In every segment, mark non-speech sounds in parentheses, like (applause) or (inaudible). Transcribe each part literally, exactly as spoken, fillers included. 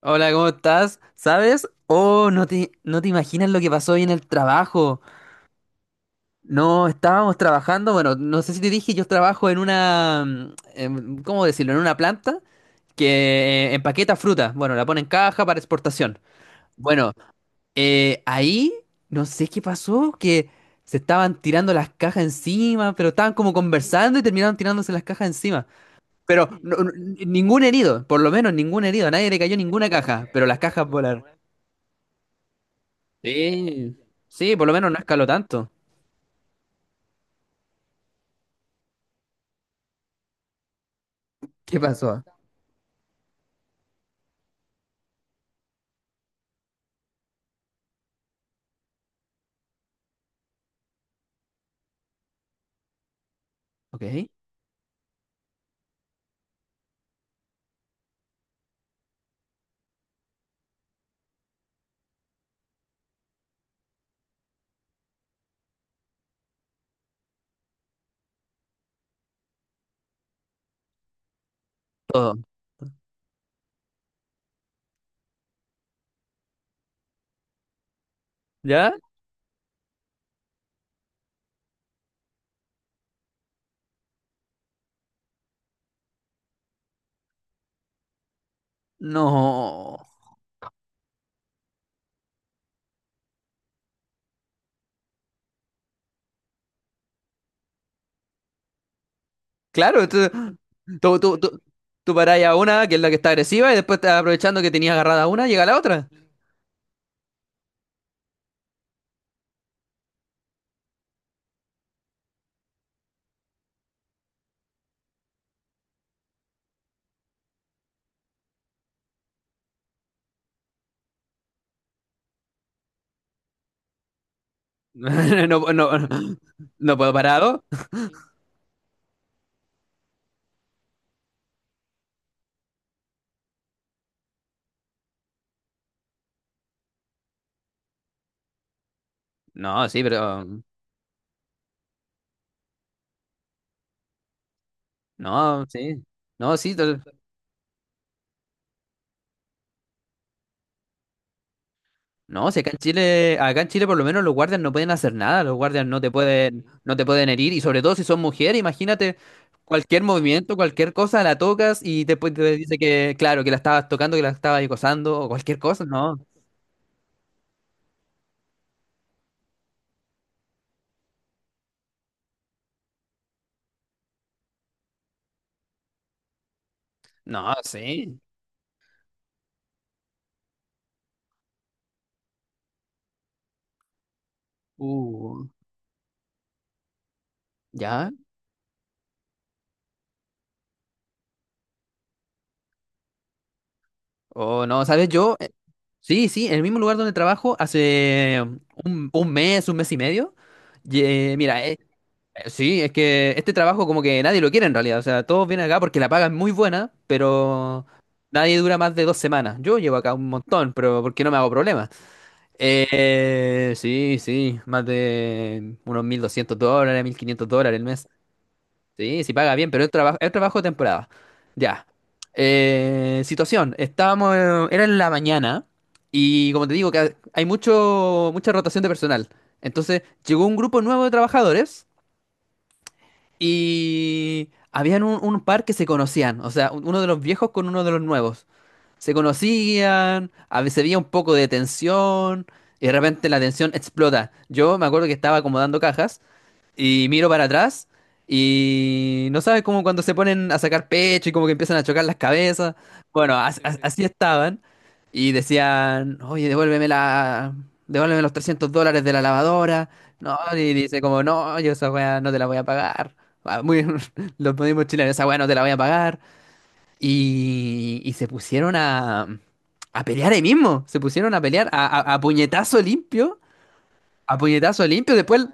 Hola, ¿cómo estás? ¿Sabes? Oh, no te, no te imaginas lo que pasó hoy en el trabajo. No, estábamos trabajando, bueno, no sé si te dije, yo trabajo en una, mm, em, ¿cómo decirlo? En una planta que empaqueta fruta. Bueno, la pone en caja para exportación. Bueno, eh, ahí no sé qué pasó, que se estaban tirando las cajas encima, pero estaban como conversando y terminaron tirándose las cajas encima. Pero no- no- ningún herido, por lo menos ningún herido, a nadie le cayó ninguna caja, pero las cajas volaron. Sí, sí, por lo menos no escaló tanto. ¿Qué pasó? Ok, todo. ¿Ya? No. Claro, tú, tú, tú, tú, tú parás a una, que es la que está agresiva, y después te- aprovechando que tenías agarrada una, llega la otra. (laughs) No, no, no puedo parar a dos. No, sí, pero. No, sí. No, sí. to- No, si acá en Chile, acá en Chile por lo menos los guardias no pueden hacer nada, los guardias no te pueden, no te pueden herir, y sobre todo si son mujeres, imagínate cualquier movimiento, cualquier cosa, la tocas y después te dice que, claro, que la estabas tocando, que la estabas acosando, o cualquier cosa, no, no, sí, uh, ya, o no, ¿sabes? Yo, eh, sí, sí, en el mismo lugar donde trabajo hace un, un mes, un mes y medio, y, eh, mira, eh, Eh, Sí, es que este trabajo como que nadie lo quiere en realidad. O sea, todos vienen acá porque la paga es muy buena, pero nadie dura más de dos semanas. Yo llevo acá un montón, pero porque no me hago problemas. Eh, sí, sí, más de unos mil doscientos dólares, mil quinientos dólares el mes. Sí, sí paga bien, pero es trabajo, es trabajo de temporada. Ya. Eh, situación, estábamos, eh, era en la mañana y como te digo, que hay mucho, mucha rotación de personal. Entonces llegó un grupo nuevo de trabajadores y habían un, un par que se conocían, o sea, un- uno de los viejos con uno de los nuevos. Se conocían, a veces había un poco de tensión, y de repente la tensión explota. Yo me acuerdo que estaba acomodando cajas y miro para atrás y no sabes cómo cuando se ponen a sacar pecho y como que empiezan a chocar las cabezas. Bueno, as- as- así estaban y decían, oye, devuélveme la, devuélveme los trescientos dólares de la lavadora. No, y dice como, no, yo esa weá no te la voy a pagar. Ah, Muy, (laughs) los mismos chilenos, esa weá no te la voy a pagar. Y, y se pusieron a, a pelear ahí mismo, se pusieron a pelear a, a a puñetazo limpio. A puñetazo limpio. Después,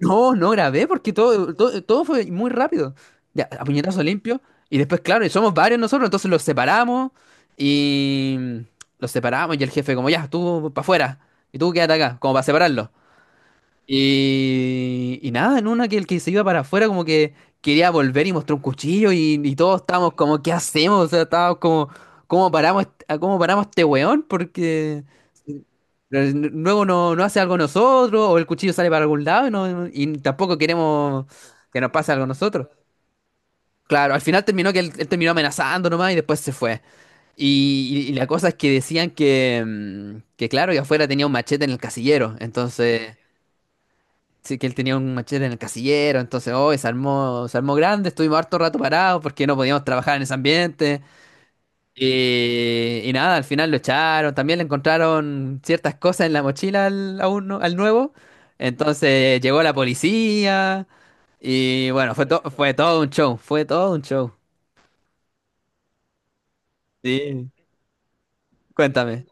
no, no grabé porque todo, todo, todo fue muy rápido. Ya, a puñetazo limpio. Y después, claro, y somos varios nosotros, entonces los separamos y mm, los separamos y el jefe como, ya, tú para afuera y tú quédate acá, como para separarlo. Y, y nada, en una que el que se iba para afuera como que quería volver y mostró un cuchillo y, y todos estábamos como, ¿qué hacemos? O sea, estábamos como, ¿cómo paramos, a ¿cómo paramos este weón? Porque eh, Luego no, no hace algo nosotros, o el cuchillo sale para algún lado y, no- y tampoco queremos que nos pase algo a nosotros. Claro, al final terminó que él, él terminó amenazando nomás y después se fue. Y, y- y la cosa es que decían que, mm, que claro, que afuera tenía un machete en el casillero. Entonces, sí, que él tenía un machete en el casillero. Entonces, hoy se armó, se armó grande, estuvimos harto rato parados porque no podíamos trabajar en ese ambiente. Y, y nada, al final lo echaron, también le encontraron ciertas cosas en la mochila al, a uno- al nuevo. Entonces llegó la policía y bueno, fue, to- fue todo un show, fue todo un show. Sí. Cuéntame.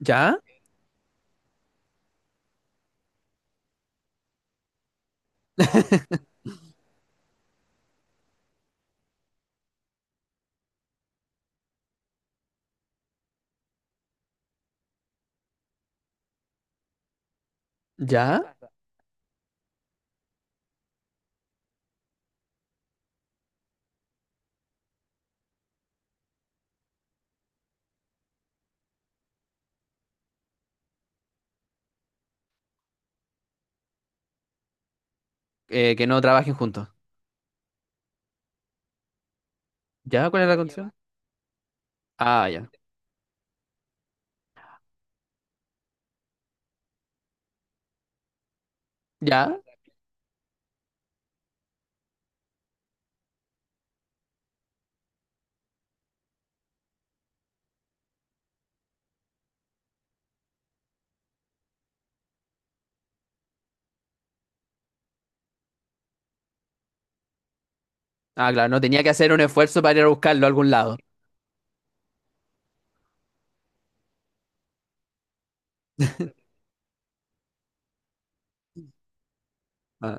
¿Ya? ¿Ya? Eh, que no trabajen juntos. ¿Ya? ¿Cuál es la condición? Ah, ya. ¿Ya? Ah, claro, no tenía que hacer un esfuerzo para ir a buscarlo a algún lado. Ah,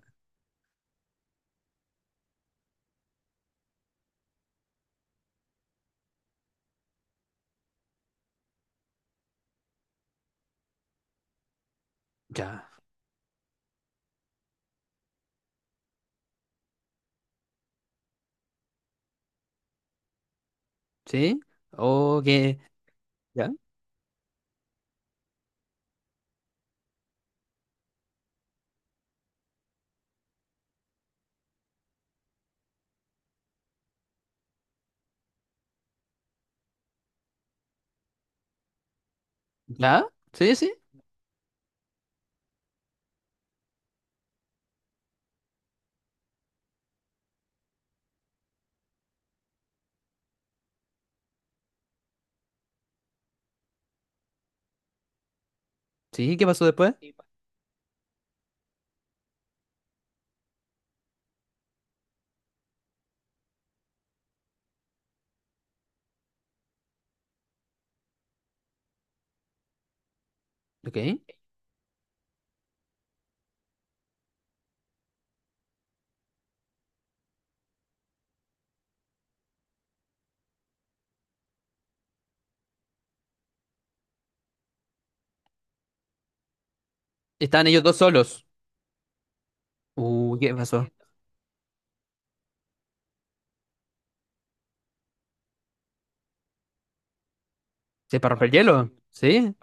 ya. ¿Sí? ¿O qué? ¿Ya? ¿Ya? ¿Sí, sí? ¿Sí? ¿Qué pasó después? Ok. Estaban ellos dos solos. Uh, ¿qué pasó? ¿Se para romper el hielo? ¿Sí?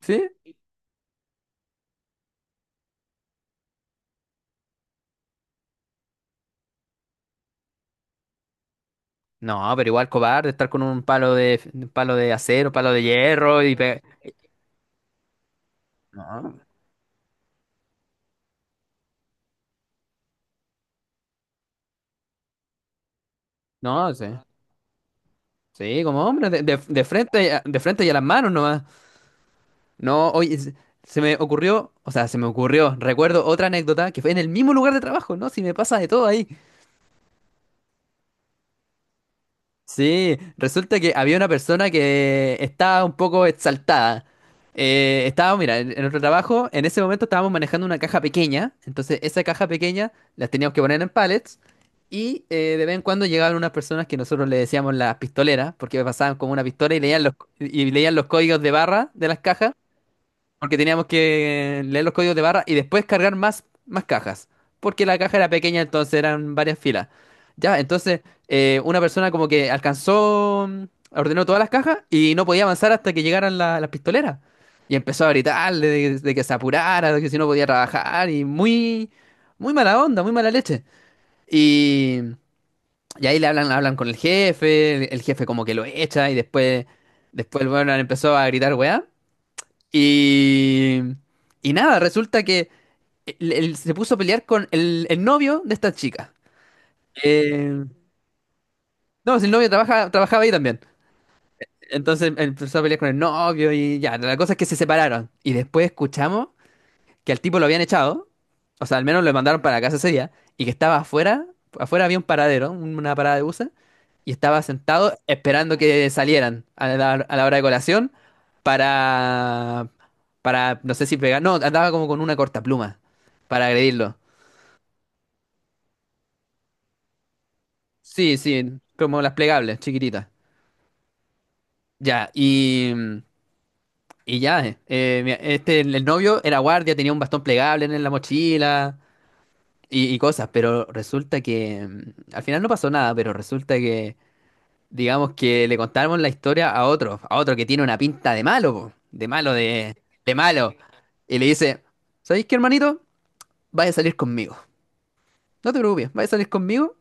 ¿Sí? No, pero igual cobarde estar con un palo de un palo de acero, palo de hierro y pe- No, no sé. Sí, como hombre, de, de- de frente, a- de frente y a las manos nomás. No, oye, se se me ocurrió, o sea, se me ocurrió, recuerdo otra anécdota que fue en el mismo lugar de trabajo, ¿no? Si me pasa de todo ahí. Sí, resulta que había una persona que estaba un poco exaltada. Eh, estaba, mira, en, en nuestro trabajo, en ese momento estábamos manejando una caja pequeña, entonces esa caja pequeña las teníamos que poner en pallets y eh, de vez en cuando llegaban unas personas que nosotros le decíamos las pistoleras, porque pasaban como una pistola y leían los, y leían los códigos de barra de las cajas. Porque teníamos que leer los códigos de barra y después cargar más, más cajas. Porque la caja era pequeña, entonces eran varias filas. Ya, entonces eh, una persona como que alcanzó, mm, ordenó todas las cajas y no podía avanzar hasta que llegaran la- las pistoleras. Y empezó a gritarle de, de que se apurara, de que si no podía trabajar y muy, muy mala onda, muy mala leche. Y, y ahí le hablan, hablan con el jefe, el, el jefe como que lo echa y después, después bueno, empezó a gritar weá. Y, y nada, resulta que él- él se puso a pelear con el, el novio de esta chica. Eh, no, si el novio trabaja, trabajaba ahí también. Entonces él empezó a pelear con el novio y ya, la cosa es que se separaron. Y después escuchamos que al tipo lo habían echado, o sea, al menos lo mandaron para la casa ese día, y que estaba afuera, afuera había un paradero, un- una parada de buses, y estaba sentado esperando que salieran a la, a la hora de colación para, para, no sé si pegar, no, andaba como con una cortapluma para agredirlo. Sí, sí, como las plegables, chiquititas. Ya, y, y ya, eh, eh, mi- este, el, el novio era guardia, tenía un bastón plegable en la mochila, y, y cosas, pero resulta que mm, al final no pasó nada, pero resulta que, digamos que le contamos la historia a otro, a otro que tiene una pinta de malo, po, de malo, de, de malo, y le dice, ¿sabéis qué, hermanito? Vaya a salir conmigo, no te preocupes, vaya a salir conmigo,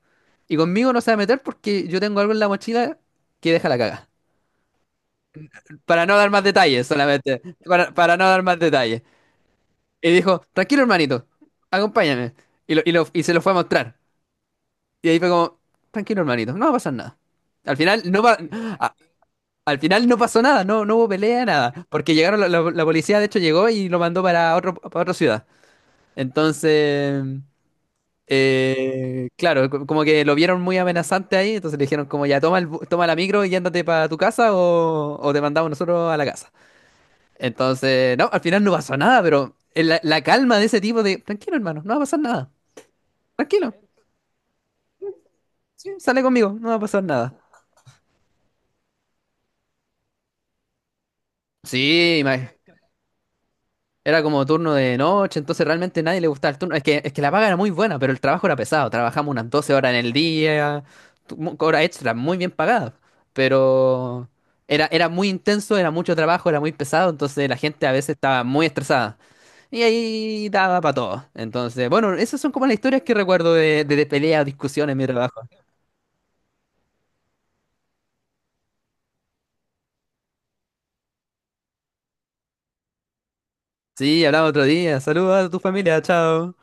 y conmigo no se va a meter porque yo tengo algo en la mochila que deja la caga. Para no dar más detalles, solamente, para, para no dar más detalles. Y dijo, tranquilo, hermanito, acompáñame, y, lo- y lo- y se lo fue a mostrar. Y ahí fue como, tranquilo, hermanito, no va a pasar nada. Al final no va, a- al final no pasó nada, no, no hubo pelea, nada. Porque llegaron, la, la- la policía de hecho llegó y lo mandó para otro, para otra ciudad. Entonces, eh, claro, co- como que lo vieron muy amenazante ahí, entonces le dijeron como ya toma el, bu- toma la micro y ándate para tu casa o, o te mandamos nosotros a la casa. Entonces, no, al final no pasó nada, pero el- la, la calma de ese tipo de, tranquilo, hermano, no va a pasar nada. Tranquilo, sí, sale conmigo, no va a pasar nada. Sí, era como turno de noche, entonces realmente nadie le gustaba el turno. Es que, es que la paga era muy buena, pero el trabajo era pesado. Trabajamos unas doce horas en el día, tu- mu- horas extras muy bien pagadas. Pero era, era muy intenso, era mucho trabajo, era muy pesado, entonces la gente a veces estaba muy estresada. Y ahí daba para todo. Entonces, bueno, esas son como las historias que recuerdo de, de, de peleas, discusiones en mi trabajo. Sí, hablamos otro día. Saludos a tu familia, chao.